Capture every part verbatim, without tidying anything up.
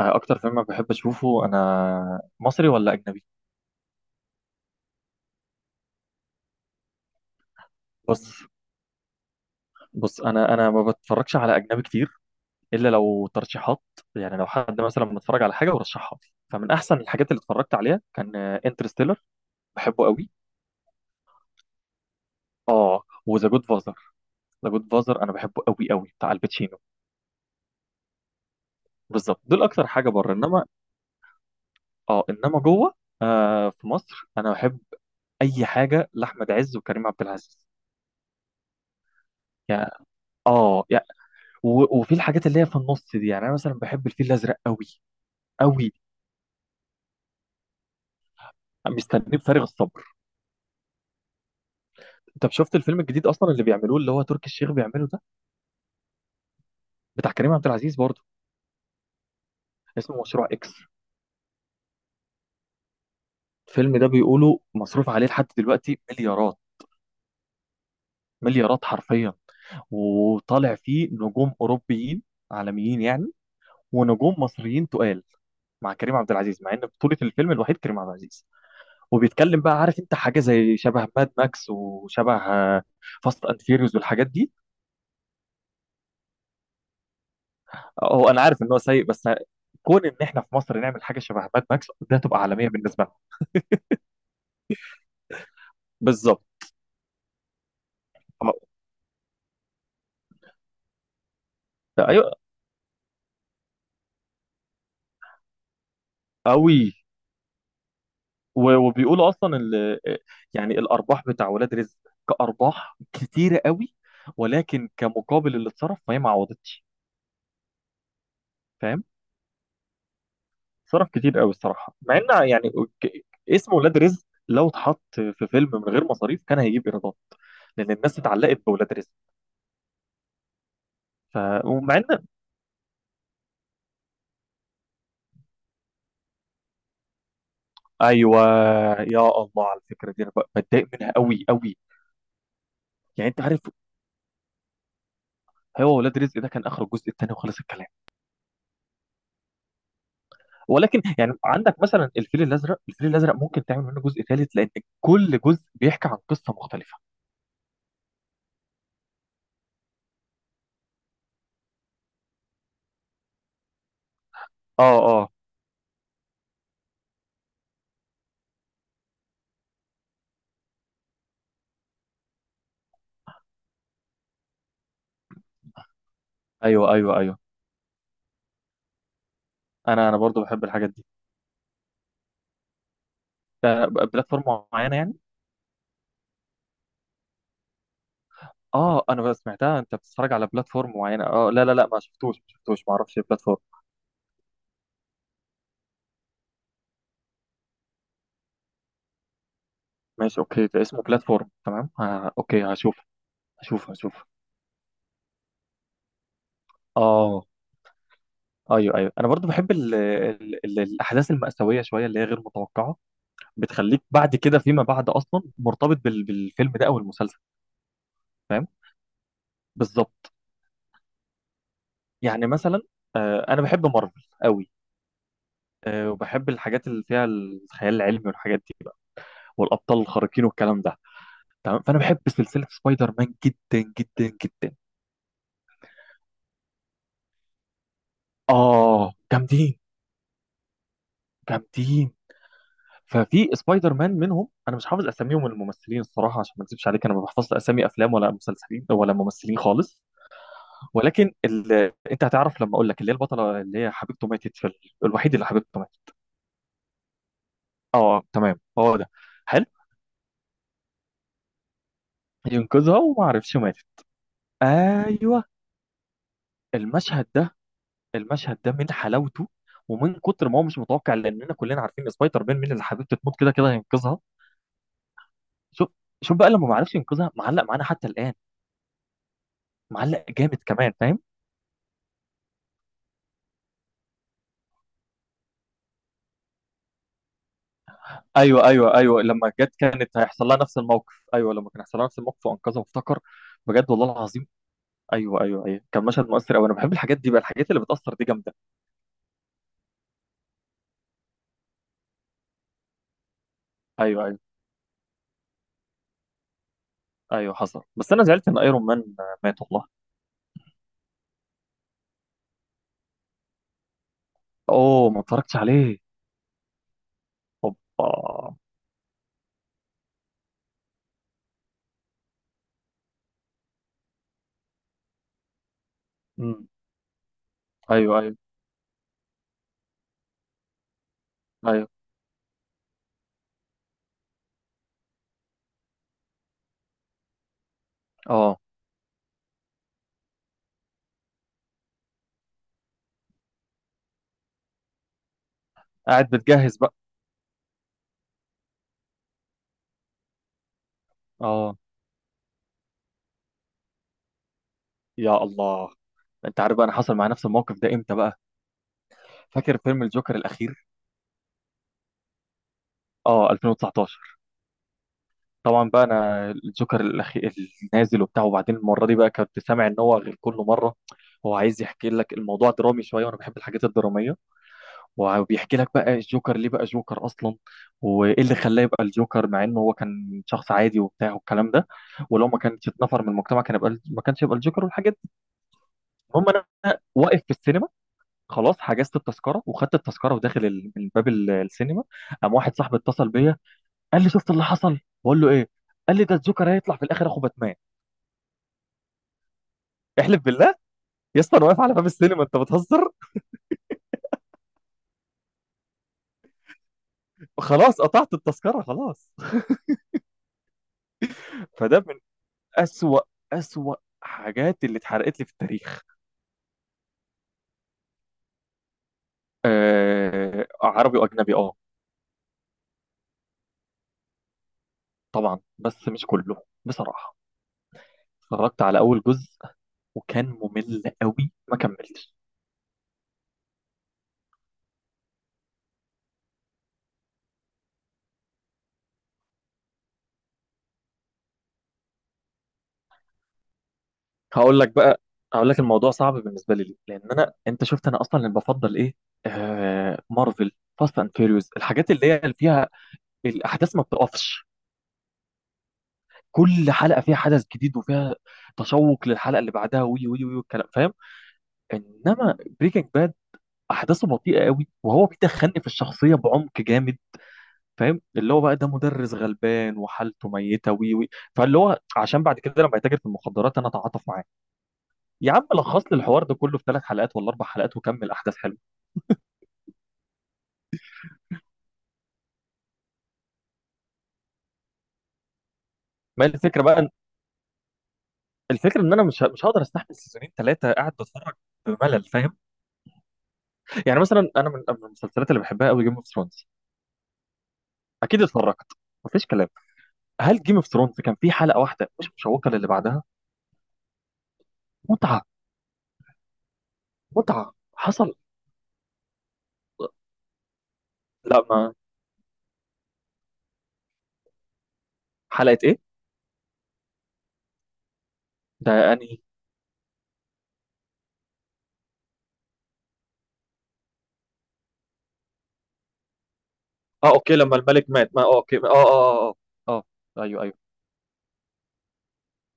اكتر فيلم بحب اشوفه، انا مصري ولا اجنبي؟ بص، بص، انا انا ما بتفرجش على اجنبي كتير، الا لو ترشيحات. يعني لو حد مثلا بنتفرج على حاجه ورشحها لي، فمن احسن الحاجات اللي اتفرجت عليها كان انترستيلر. بحبه قوي. اه، وذا جود فازر. ذا جود فازر انا بحبه قوي قوي، بتاع الباتشينو. بالظبط، دول اكتر حاجه بره. انما اه، انما جوه. آه، في مصر انا بحب اي حاجه لاحمد عز وكريم عبد العزيز. يعني اه يعني، و- وفي الحاجات اللي هي في النص دي يعني، انا مثلا بحب الفيل الازرق قوي. قوي. مستنيه بفارغ الصبر. انت شفت الفيلم الجديد اصلا اللي بيعملوه، اللي هو تركي الشيخ بيعمله ده؟ بتاع كريم عبد العزيز برضه. اسمه مشروع اكس. الفيلم ده بيقولوا مصروف عليه لحد دلوقتي مليارات. مليارات حرفيا. وطالع فيه نجوم اوروبيين، عالميين يعني، ونجوم مصريين تقال، مع كريم عبد العزيز، مع ان بطولة الفيلم الوحيد كريم عبد العزيز. وبيتكلم بقى، عارف انت، حاجة زي شبه ماد ماكس، وشبه فاست اند فيريوز والحاجات دي. هو انا عارف ان هو سيء، بس كون ان احنا في مصر نعمل حاجه شبه ماد ماكس ده، تبقى عالميه بالنسبه لهم. بالظبط. آه، ايوه، قوي. وبيقولوا اصلا ال... يعني الارباح بتاع ولاد رزق كارباح كتيره قوي، ولكن كمقابل اللي اتصرف، فهي ما عوضتش. فاهم. صرف كتير قوي الصراحه، مع ان يعني، ك- اسم ولاد رزق لو اتحط في فيلم من غير مصاريف كان هيجيب ايرادات، لان الناس اتعلقت بولاد رزق. ف... ومع ان. ايوه. يا الله على الفكره دي، انا ب- بتضايق منها قوي قوي، يعني انت عارف. هو ولاد رزق ده كان اخر الجزء الثاني وخلص الكلام، ولكن يعني عندك مثلا الفيل الازرق. الفيل الازرق ممكن تعمل منه جزء ثالث، لان كل جزء بيحكي عن قصه مختلفه. اه، اه، ايوه، ايوه، ايوه. انا انا برضو بحب الحاجات دي. ده ب- بلاتفورم معينه يعني. اه، انا بس سمعتها انت بتتفرج على بلاتفورم معينه. اه، لا لا لا، ما شفتوش، ما شفتوش، ما اعرفش ايه بلاتفورم. ماشي، اوكي. ده اسمه بلاتفورم، تمام. آه، اوكي، هشوف. هشوف. هشوف. اه، ايوه، ايوه. انا برضو بحب ال ال ال الاحداث المأساوية شوية، اللي هي غير متوقعة. بتخليك بعد كده، فيما بعد، اصلا مرتبط بال بالفيلم ده او المسلسل. فاهم. بالظبط. يعني مثلا، آه، انا بحب مارفل قوي. آه، وبحب الحاجات اللي فيها الخيال العلمي والحاجات دي بقى، والابطال الخارقين والكلام ده. تمام. فانا بحب سلسلة سبايدر مان جدا جدا جدا. اه، جامدين. جامدين. ففي سبايدر مان منهم، انا مش حافظ اساميهم الممثلين الصراحه، عشان ما اكذبش عليك، انا ما بحفظش اسامي افلام ولا مسلسلين ولا ممثلين خالص. ولكن ال... انت هتعرف لما اقول لك، اللي هي البطله، اللي هي حبيبته ماتت في ال... الوحيد اللي حبيبته ماتت. اه، تمام، هو ده. حلو. ينقذها وما عرفش ماتت. ايوه. المشهد ده، المشهد ده من حلاوته، ومن كتر ما هو مش متوقع، لاننا كلنا عارفين سبايدر مان، مين اللي حبيبته تموت كده كده هينقذها. شوف، شوف بقى لما ما عرفش ينقذها، معلق معانا حتى الان. معلق جامد كمان، فاهم. ايوه، ايوه، ايوه، لما جت كانت هيحصل لها نفس الموقف. ايوه، لما كان هيحصل لها نفس الموقف وانقذها، وافتكر. بجد والله العظيم. ايوه، ايوه، ايوه، كان مشهد مؤثر قوي. انا بحب الحاجات دي بقى، الحاجات اللي بتاثر دي جامده. ايوه، ايوه، ايوه، حصل. بس انا زعلت ان ايرون مان مات والله. اوه، ما اتفرجتش عليه. اوبا. امم ايوه، ايوه، ايوه. اه. قاعد بتجهز بقى. اه، يا الله. انت عارف بقى، انا حصل معايا نفس الموقف ده امتى بقى؟ فاكر فيلم الجوكر الاخير؟ اه، ألفين وتسعتاشر. طبعا بقى، انا الجوكر الاخير، النازل وبتاع، وبعدين المره دي بقى كنت سامع ان هو غير كل مره. هو عايز يحكي لك الموضوع درامي شويه، وانا بحب الحاجات الدراميه. وبيحكي لك بقى الجوكر ليه بقى جوكر اصلا، وايه اللي خلاه يبقى الجوكر، مع انه هو كان شخص عادي وبتاع والكلام ده. ولو ما كانش اتنفر من المجتمع كان يبقى، ما كانش يبقى الجوكر والحاجات دي. المهم، انا واقف في السينما، خلاص حجزت التذكره وخدت التذكره، وداخل ال- من باب ال- السينما. قام واحد صاحبي اتصل بيا، قال لي شفت اللي حصل؟ بقول له ايه؟ قال لي ده الجوكر هيطلع في الاخر اخو باتمان. احلف بالله. يا اسطى انا واقف على باب السينما، انت بتهزر. خلاص قطعت التذكره خلاص. فده من اسوأ، اسوأ حاجات اللي اتحرقت لي في التاريخ. آه، عربي واجنبي، اه. طبعا بس مش كله بصراحه. اتفرجت على اول جزء، وكان ممل قوي، ما كملتش. هقول لك بقى، هقول لك الموضوع صعب بالنسبه لي ليه؟ لان انا، انت شفت، انا اصلا اللي بفضل ايه؟ آه، مارفل. فاست اند فيريوس، الحاجات اللي هي اللي فيها الاحداث ما بتقفش، كل حلقه فيها حدث جديد، وفيها تشوق للحلقه اللي بعدها، وي وي وي والكلام، فاهم. انما بريكنج باد احداثه بطيئه قوي، وهو بيدخلني في الشخصيه بعمق جامد، فاهم؟ اللي هو بقى ده مدرس غلبان وحالته ميته، وي وي. فاللي هو عشان بعد كده لما يتاجر في المخدرات، انا اتعاطف معاه. يا عم لخص لي الحوار ده كله في ثلاث حلقات ولا اربع حلقات، وكمل احداث حلوه. ما هي الفكره بقى، الفكره ان انا مش مش هقدر استحمل سيزونين ثلاثه قاعد بتفرج بملل، فاهم. يعني مثلا، انا من من المسلسلات اللي بحبها قوي جيم اوف ثرونز. اكيد اتفرجت. مفيش كلام. هل جيم اوف ثرونز كان فيه حلقه واحده مش مشوقه للي بعدها؟ متعه. متعه حصل. لا، ما. حلقه ايه؟ ده انهي؟ اه، اوكي، لما الملك مات، ما، اه، اوكي، ما- اه، اه، اه. اه. اه، ايوه، ايوه،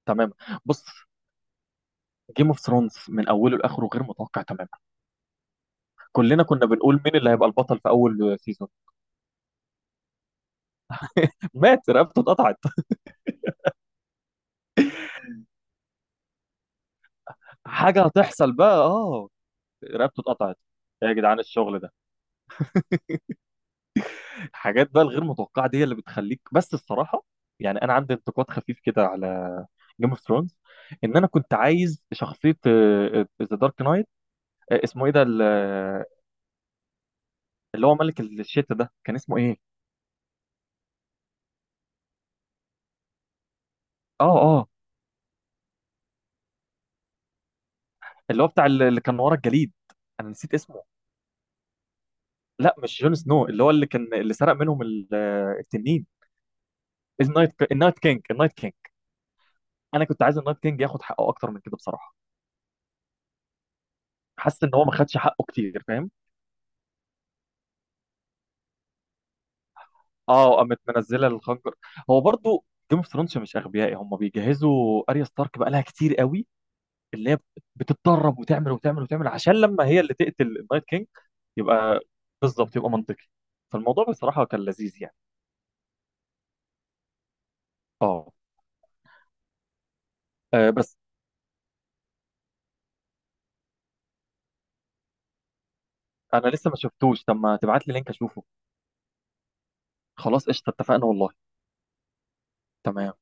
تمام. بص. جيم اوف ثرونز من اوله لاخره غير متوقع تماما. كلنا كنا بنقول مين اللي هيبقى البطل في اول سيزون؟ مات، رقبته اتقطعت. حاجه هتحصل بقى، اه. رقبته اتقطعت. إيه يا جدعان الشغل ده؟ الحاجات بقى الغير متوقعه دي هي اللي بتخليك بس الصراحه. يعني انا عندي انتقاد خفيف كده على جيم اوف ثرونز، ان انا كنت عايز شخصيه ذا دارك نايت، اسمه ايه ده ال- اللي هو ملك الشتا ده، كان اسمه ايه؟ اه، اه، اللي هو بتاع ال- اللي كان ورا الجليد، انا نسيت اسمه. لا مش جون سنو، اللي هو اللي كان اللي سرق منهم ال- آه، التنين. النايت النايت كينج، النايت كينج، انا كنت عايز النايت كينج ياخد حقه اكتر من كده بصراحه. حاسس ان هو ما خدش حقه كتير، فاهم. اه، قامت منزله الخنجر. هو برضو جيم اوف ثرونز مش اغبياء، هم بيجهزوا اريا ستارك بقى لها كتير قوي. اللي هي بتتدرب وتعمل وتعمل وتعمل، عشان لما هي اللي تقتل النايت كينج يبقى. بالظبط يبقى منطقي. فالموضوع بصراحه كان لذيذ يعني. اه. آه، بس. انا لسه ما شفتوش، طب ما تبعت لي لينك اشوفه. خلاص قشطه، اتفقنا والله. تمام.